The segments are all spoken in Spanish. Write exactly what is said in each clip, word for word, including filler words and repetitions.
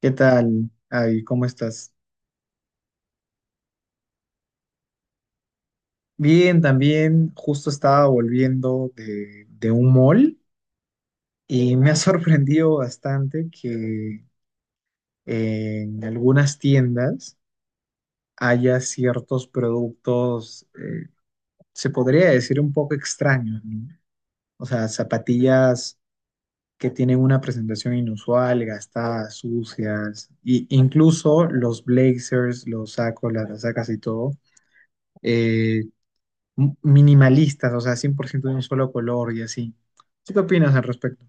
¿Qué tal? Ay, ¿cómo estás? Bien, también justo estaba volviendo de, de un mall y me ha sorprendido bastante que en algunas tiendas haya ciertos productos, eh, se podría decir un poco extraños, ¿no? O sea, zapatillas que tienen una presentación inusual, gastadas, sucias, y incluso los blazers, los sacos, las sacas y todo eh, m- minimalistas, o sea, cien por ciento de un solo color y así. ¿Tú qué opinas al respecto?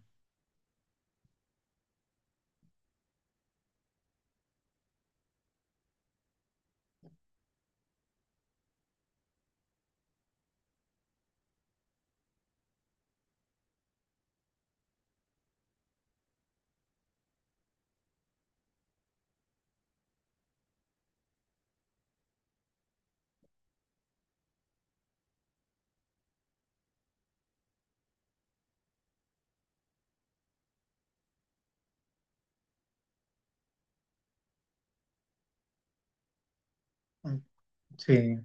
Sí,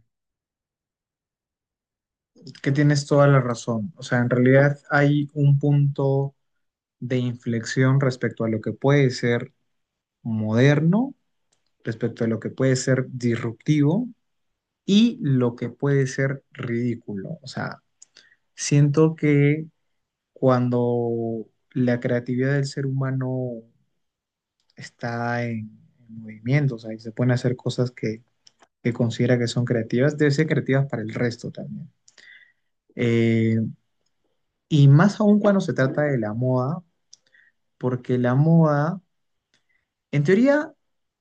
que tienes toda la razón. O sea, en realidad hay un punto de inflexión respecto a lo que puede ser moderno, respecto a lo que puede ser disruptivo y lo que puede ser ridículo. O sea, siento que cuando la creatividad del ser humano está en, en movimiento, o sea, y se pone a hacer cosas que que considera que son creativas, deben ser creativas para el resto también. Eh, y más aún cuando se trata de la moda, porque la moda, en teoría,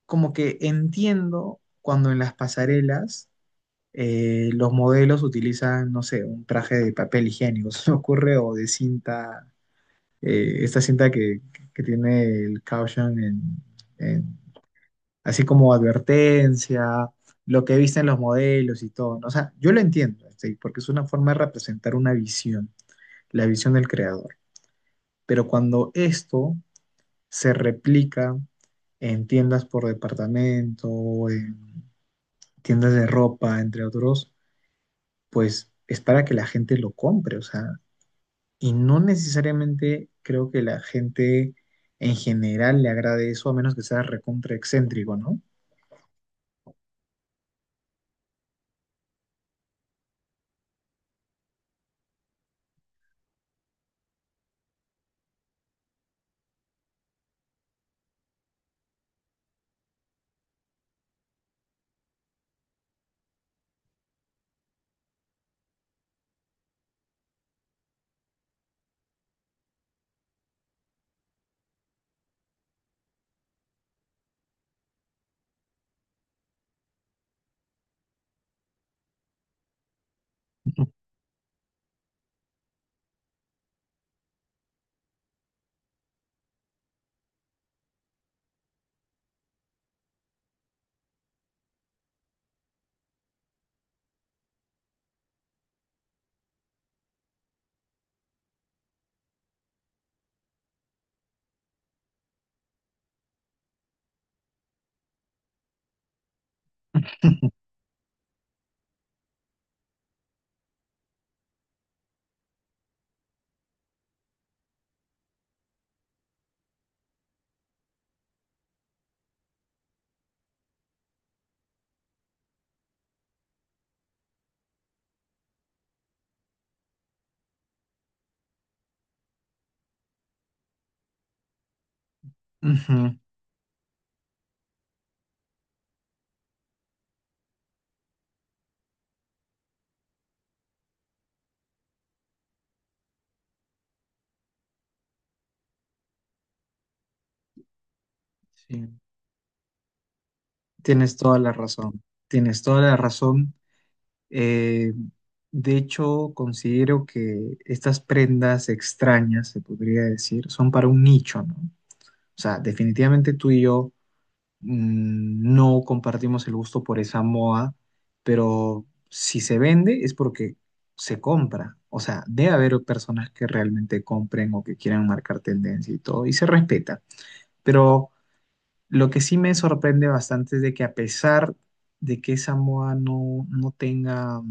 como que entiendo cuando en las pasarelas eh, los modelos utilizan, no sé, un traje de papel higiénico, se me ocurre, o de cinta, eh, esta cinta que, que tiene el caution en, en así como advertencia, lo que visten los modelos y todo, ¿no? O sea, yo lo entiendo, ¿sí? Porque es una forma de representar una visión, la visión del creador. Pero cuando esto se replica en tiendas por departamento, en tiendas de ropa, entre otros, pues es para que la gente lo compre, o sea, y no necesariamente creo que la gente en general le agrade eso, a menos que sea recontra excéntrico, ¿no? Ujú, sí. Tienes toda la razón, tienes toda la razón. Eh, de hecho, considero que estas prendas extrañas, se podría decir, son para un nicho, ¿no? O sea, definitivamente tú y yo mm, no compartimos el gusto por esa moda, pero si se vende es porque se compra. O sea, debe haber personas que realmente compren o que quieran marcar tendencia y todo, y se respeta. Pero... Lo que sí me sorprende bastante es de que a pesar de que Samoa no, no tenga, o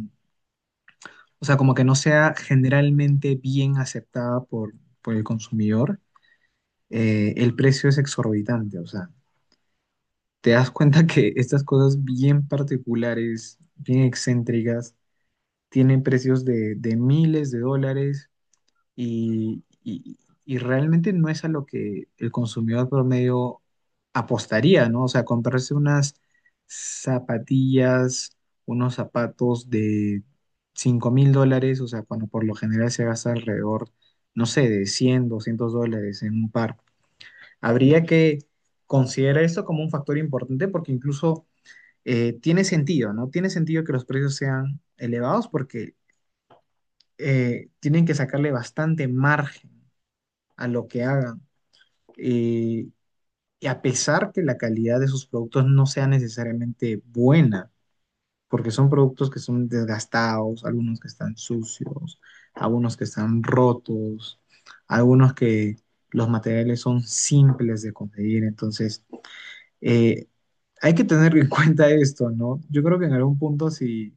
sea, como que no sea generalmente bien aceptada por, por el consumidor, eh, el precio es exorbitante. O sea, te das cuenta que estas cosas bien particulares, bien excéntricas, tienen precios de, de miles de dólares y, y- y realmente no es a lo que el consumidor promedio apostaría, ¿no? O sea, comprarse unas zapatillas, unos zapatos de cinco mil dólares, o sea, cuando por lo general se gasta alrededor, no sé, de cien, doscientos dólares en un par. Habría que considerar esto como un factor importante porque incluso eh, tiene sentido, ¿no? Tiene sentido que los precios sean elevados porque eh, tienen que sacarle bastante margen a lo que hagan. Eh, y a pesar que la calidad de sus productos no sea necesariamente buena, porque son productos que son desgastados, algunos que están sucios, algunos que están rotos, algunos que los materiales son simples de conseguir. Entonces, eh, hay que tener en cuenta esto, ¿no? Yo creo que en algún punto sí,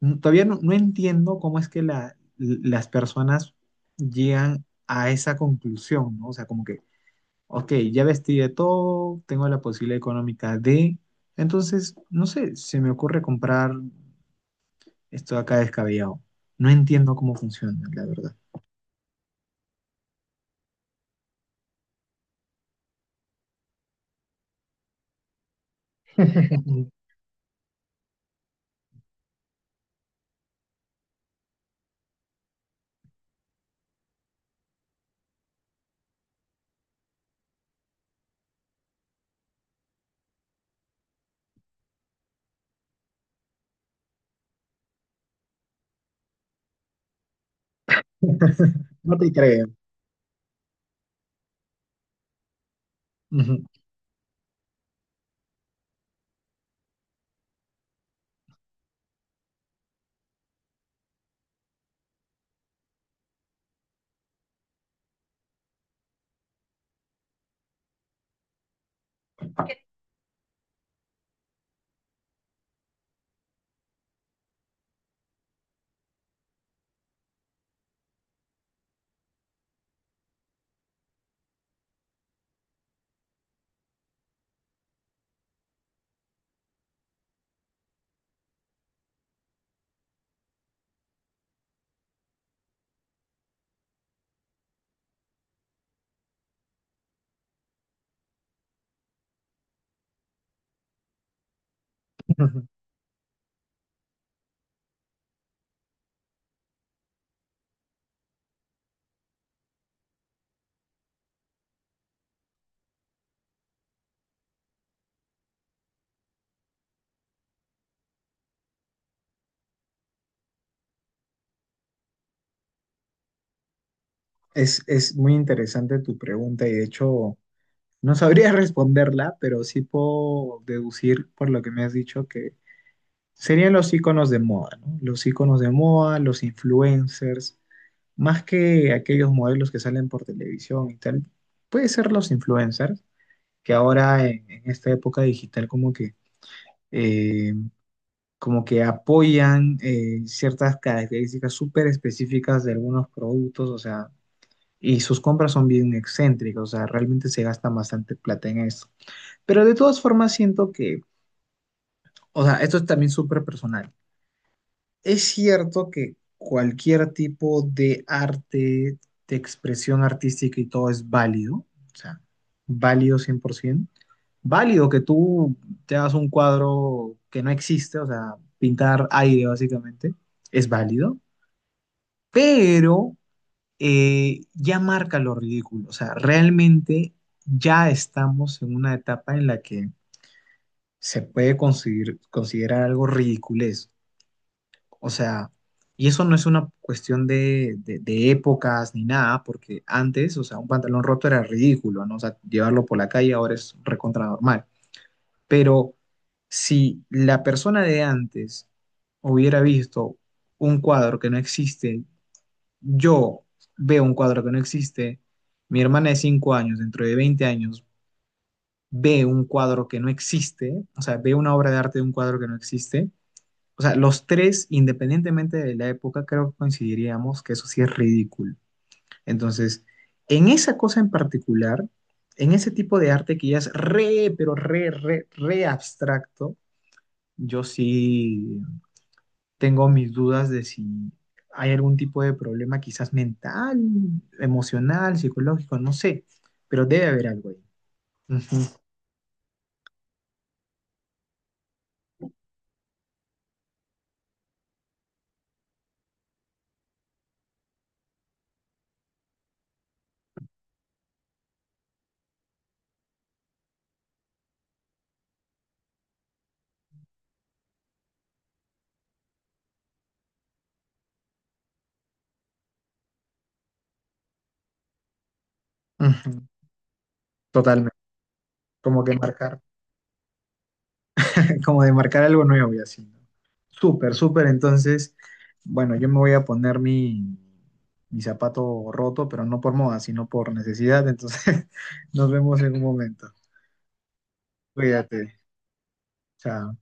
n- todavía no, no entiendo cómo es que la- las personas llegan a esa conclusión, ¿no? O sea, como que Ok, ya vestí de todo, tengo la posibilidad económica de... Entonces, no sé, se me ocurre comprar esto de acá descabellado. No entiendo cómo funciona, la verdad. No te creo. Ujú. Es, es muy interesante tu pregunta y de hecho no sabría responderla, pero sí puedo deducir por lo que me has dicho que serían los iconos de moda, ¿no? Los iconos de moda, los influencers, más que aquellos modelos que salen por televisión y tal, puede ser los influencers, que ahora en, en esta época digital como que, eh, como que apoyan eh, ciertas características súper específicas de algunos productos, o sea, y sus compras son bien excéntricas, o sea, realmente se gasta bastante plata en eso. Pero de todas formas siento que, o sea, esto es también súper personal. Es cierto que cualquier tipo de arte, de expresión artística y todo es válido, o sea, válido cien por ciento. Válido que tú te hagas un cuadro que no existe, o sea, pintar aire básicamente, es válido, pero eh, ya marca lo ridículo, o sea, realmente ya estamos en una etapa en la que se puede conseguir- considerar algo ridículo, o sea, y eso no es una cuestión de, de- de épocas ni nada, porque antes, o sea, un pantalón roto era ridículo, ¿no? O sea, llevarlo por la calle ahora es recontra normal. Pero si la persona de antes hubiera visto un cuadro que no existe, yo veo un cuadro que no existe, mi hermana de cinco años, dentro de veinte años, ve un cuadro que no existe, o sea, ve una obra de arte de un cuadro que no existe, o sea, los tres, independientemente de la época, creo que coincidiríamos que eso sí es ridículo. Entonces, en esa cosa en particular, en ese tipo de arte que ya es re, pero re, re, re abstracto, yo sí tengo mis dudas de si hay algún tipo de problema, quizás mental, emocional, psicológico, no sé, pero debe haber algo ahí. Ujú, ujú. Totalmente, como que marcar, como de marcar algo nuevo y así. ¿No? Súper, súper. Entonces, bueno, yo me voy a poner mi, mi zapato roto, pero no por moda, sino por necesidad. Entonces, nos vemos en un momento. Cuídate. Chao.